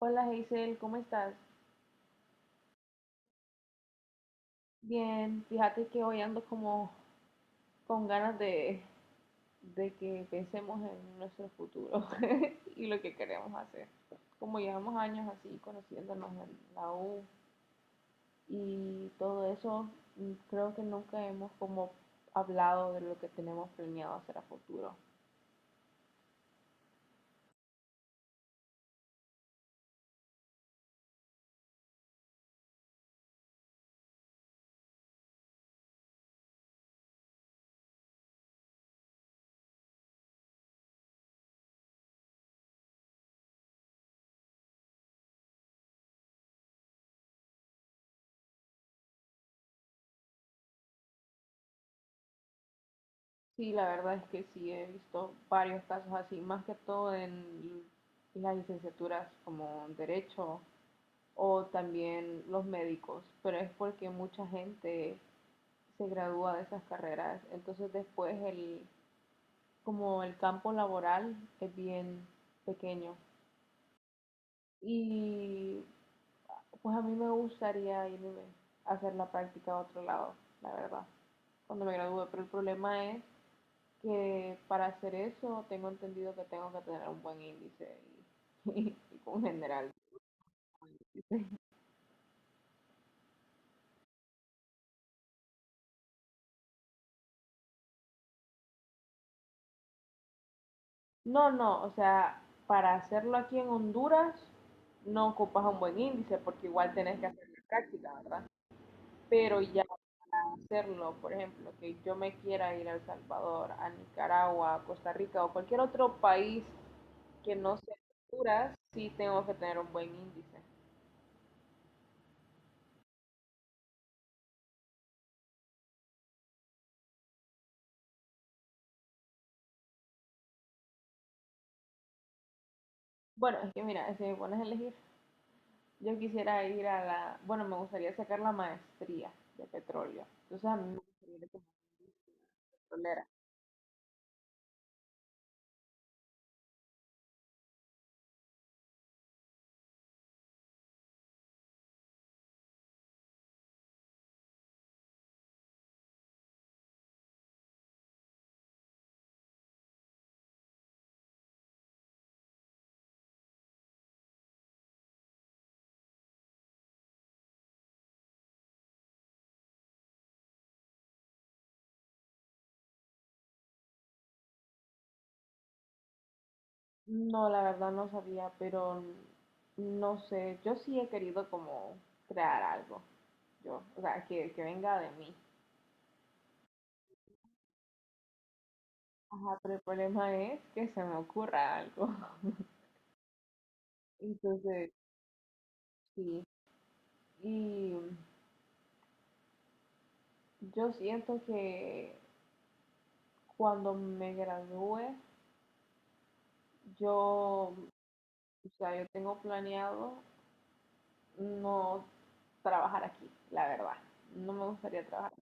Hola Hazel, ¿cómo estás? Bien, fíjate que hoy ando como con ganas de que pensemos en nuestro futuro y lo que queremos hacer. Como llevamos años así conociéndonos en la U y todo eso, creo que nunca hemos como hablado de lo que tenemos planeado hacer a futuro. Sí, la verdad es que sí he visto varios casos así, más que todo en las licenciaturas como en Derecho o también los médicos, pero es porque mucha gente se gradúa de esas carreras, entonces después como el campo laboral es bien pequeño, y pues a mí me gustaría irme a hacer la práctica a otro lado, la verdad, cuando me gradúe, pero el problema es que para hacer eso tengo entendido que tengo que tener un buen índice y, y un general. No, no, o sea, para hacerlo aquí en Honduras no ocupas un buen índice porque igual tenés que hacer la práctica, ¿verdad? Pero ya para hacerlo, por ejemplo, que yo me quiera ir a El Salvador, a Nicaragua, a Costa Rica o cualquier otro país que no sea Honduras, sí tengo que tener un buen índice. Bueno, es que mira, si me pones a elegir, yo quisiera ir a la, bueno, me gustaría sacar la maestría de petróleo. Entonces a mí me gustaría ir como petrolera. No, la verdad no sabía, pero no sé, yo sí he querido como crear algo, yo, o sea, que venga de mí. Ajá, pero el problema es que se me ocurra algo. Entonces, sí. Y yo siento que cuando me gradúe, yo, o sea, yo tengo planeado no trabajar aquí, la verdad. No me gustaría trabajar.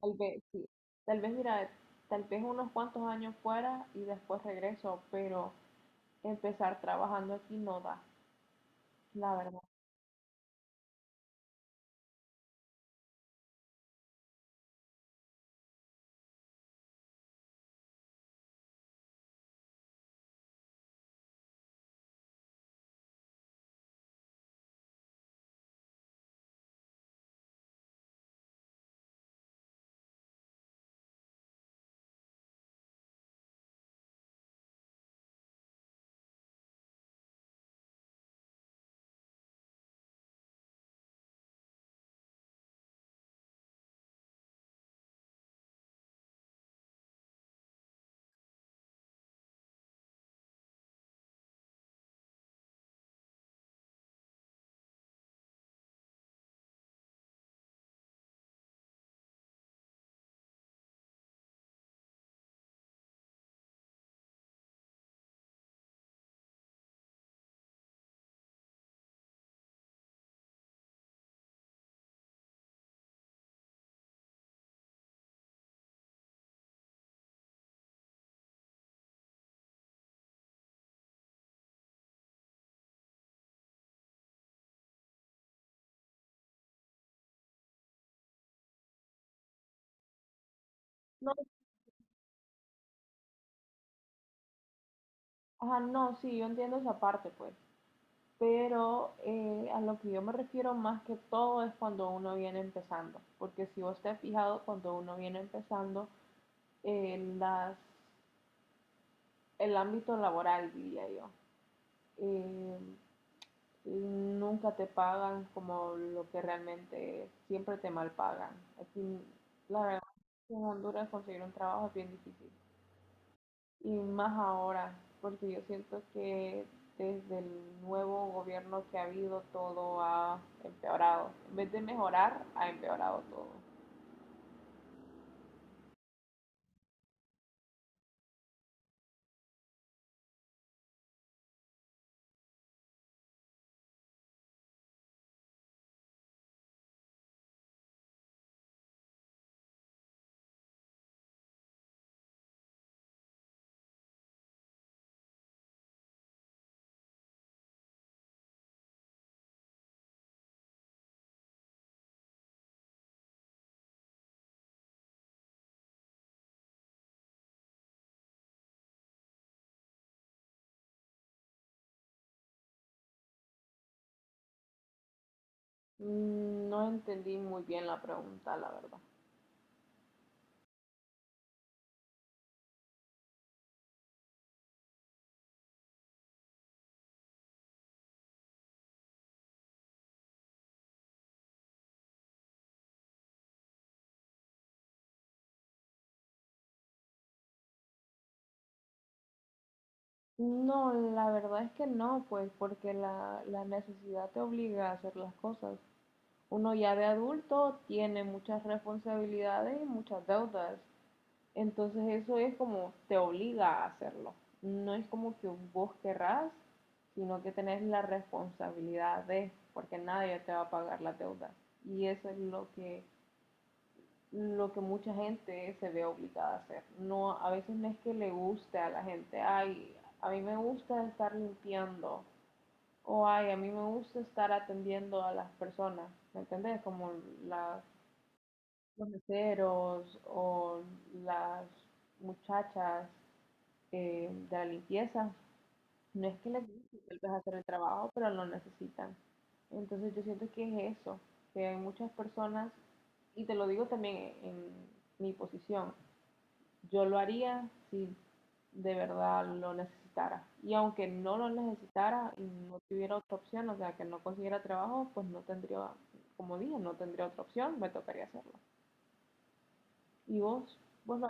Tal vez, sí. Tal vez, mira, tal vez unos cuantos años fuera y después regreso, pero empezar trabajando aquí no da, la verdad. No, ajá, no, sí, yo entiendo esa parte, pues. Pero a lo que yo me refiero más que todo es cuando uno viene empezando, porque si vos te has fijado, cuando uno viene empezando, eh, las, el ámbito laboral, diría yo, eh, nunca te pagan como lo que realmente siempre te mal pagan. Aquí, la verdad, en Honduras conseguir un trabajo es bien difícil. Y más ahora, porque yo siento que desde el nuevo gobierno que ha habido todo ha empeorado. En vez de mejorar, ha empeorado todo. No entendí muy bien la pregunta, la verdad. No, la verdad es que no, pues porque la necesidad te obliga a hacer las cosas. Uno ya de adulto tiene muchas responsabilidades y muchas deudas. Entonces eso es como te obliga a hacerlo. No es como que vos querrás, sino que tenés la responsabilidad de, porque nadie te va a pagar las deudas. Y eso es lo que mucha gente se ve obligada a hacer. No, a veces no es que le guste a la gente, ay, a mí me gusta estar limpiando, o ay, a mí me gusta estar atendiendo a las personas, ¿me entendés? Como las, los meseros o las muchachas, de la limpieza, no es que les guste tal vez hacer el trabajo, pero lo necesitan. Entonces yo siento que es eso, que hay muchas personas, y te lo digo también en, mi posición, yo lo haría si de verdad lo necesitara. Y aunque no lo necesitara y no tuviera otra opción, o sea, que no consiguiera trabajo, pues no tendría, como dije, no tendría otra opción, me tocaría hacerlo. ¿Y vos? ¿Vos lo...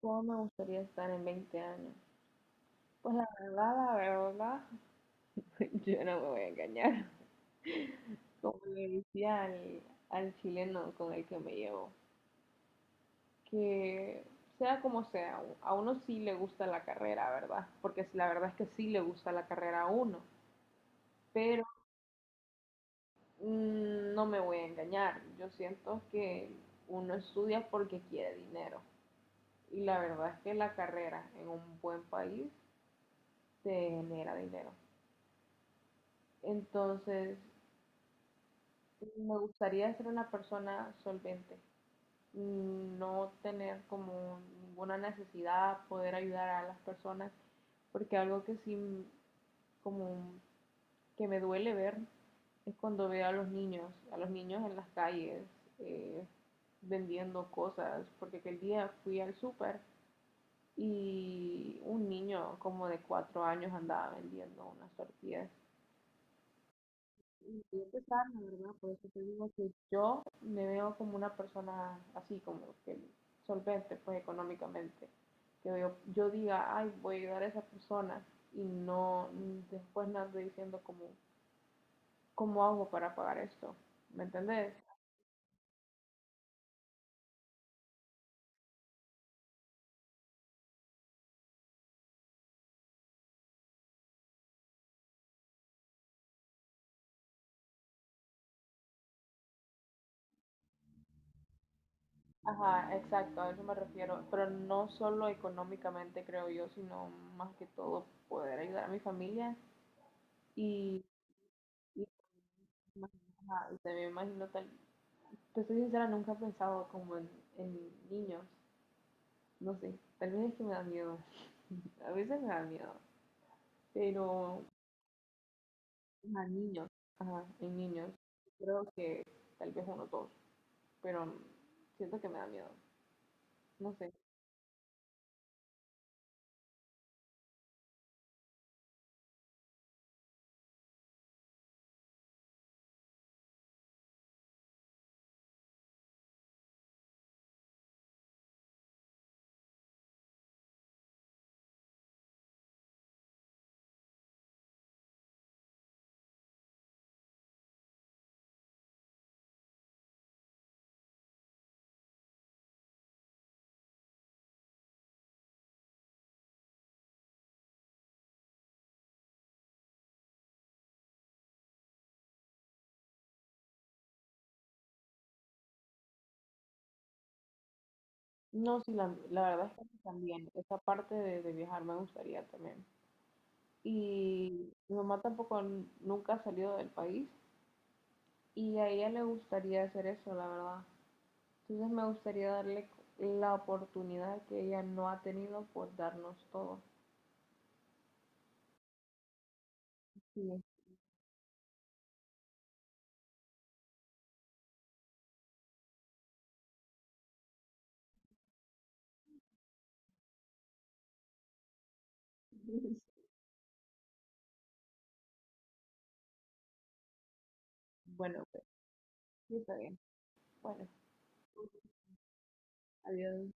¿Cómo me gustaría estar en 20 años? Pues la verdad, yo no me voy a engañar. Como le decía al chileno con el que me llevo, que sea como sea, a uno sí le gusta la carrera, ¿verdad? Porque si la verdad es que sí le gusta la carrera a uno, pero no me voy a engañar. Yo siento que uno estudia porque quiere dinero. Y la verdad es que la carrera en un buen país te genera dinero. Entonces, me gustaría ser una persona solvente, no tener como ninguna necesidad, poder ayudar a las personas, porque algo que sí como que me duele ver es cuando veo a los niños en las calles eh, vendiendo cosas, porque aquel día fui al súper y un niño como de 4 años andaba vendiendo unas tortillas. Y es que sana, ¿verdad? Por eso te digo que yo me veo como una persona así, como que solvente, pues económicamente. Que yo diga, ay, voy a ayudar a esa persona y no, después no ando diciendo como, ¿cómo hago para pagar esto? ¿Me entendés? Ajá, exacto, a eso me refiero. Pero no solo económicamente, creo yo, sino más que todo poder ayudar a mi familia y, y, ajá, y también me imagino tal, te soy sincera, nunca he pensado como en, niños. No sé, tal vez es que me da miedo. A veces me da miedo. Pero a niños, ajá, en niños, creo que tal vez uno o dos. Pero siento que me da miedo. No sé. No, sí, la, verdad es que también esa parte de viajar me gustaría también. Y mi mamá tampoco nunca ha salido del país y a ella le gustaría hacer eso, la verdad. Entonces me gustaría darle la oportunidad que ella no ha tenido por darnos todo. Sí. Bueno, pues, sí, está bien. Bueno, adiós.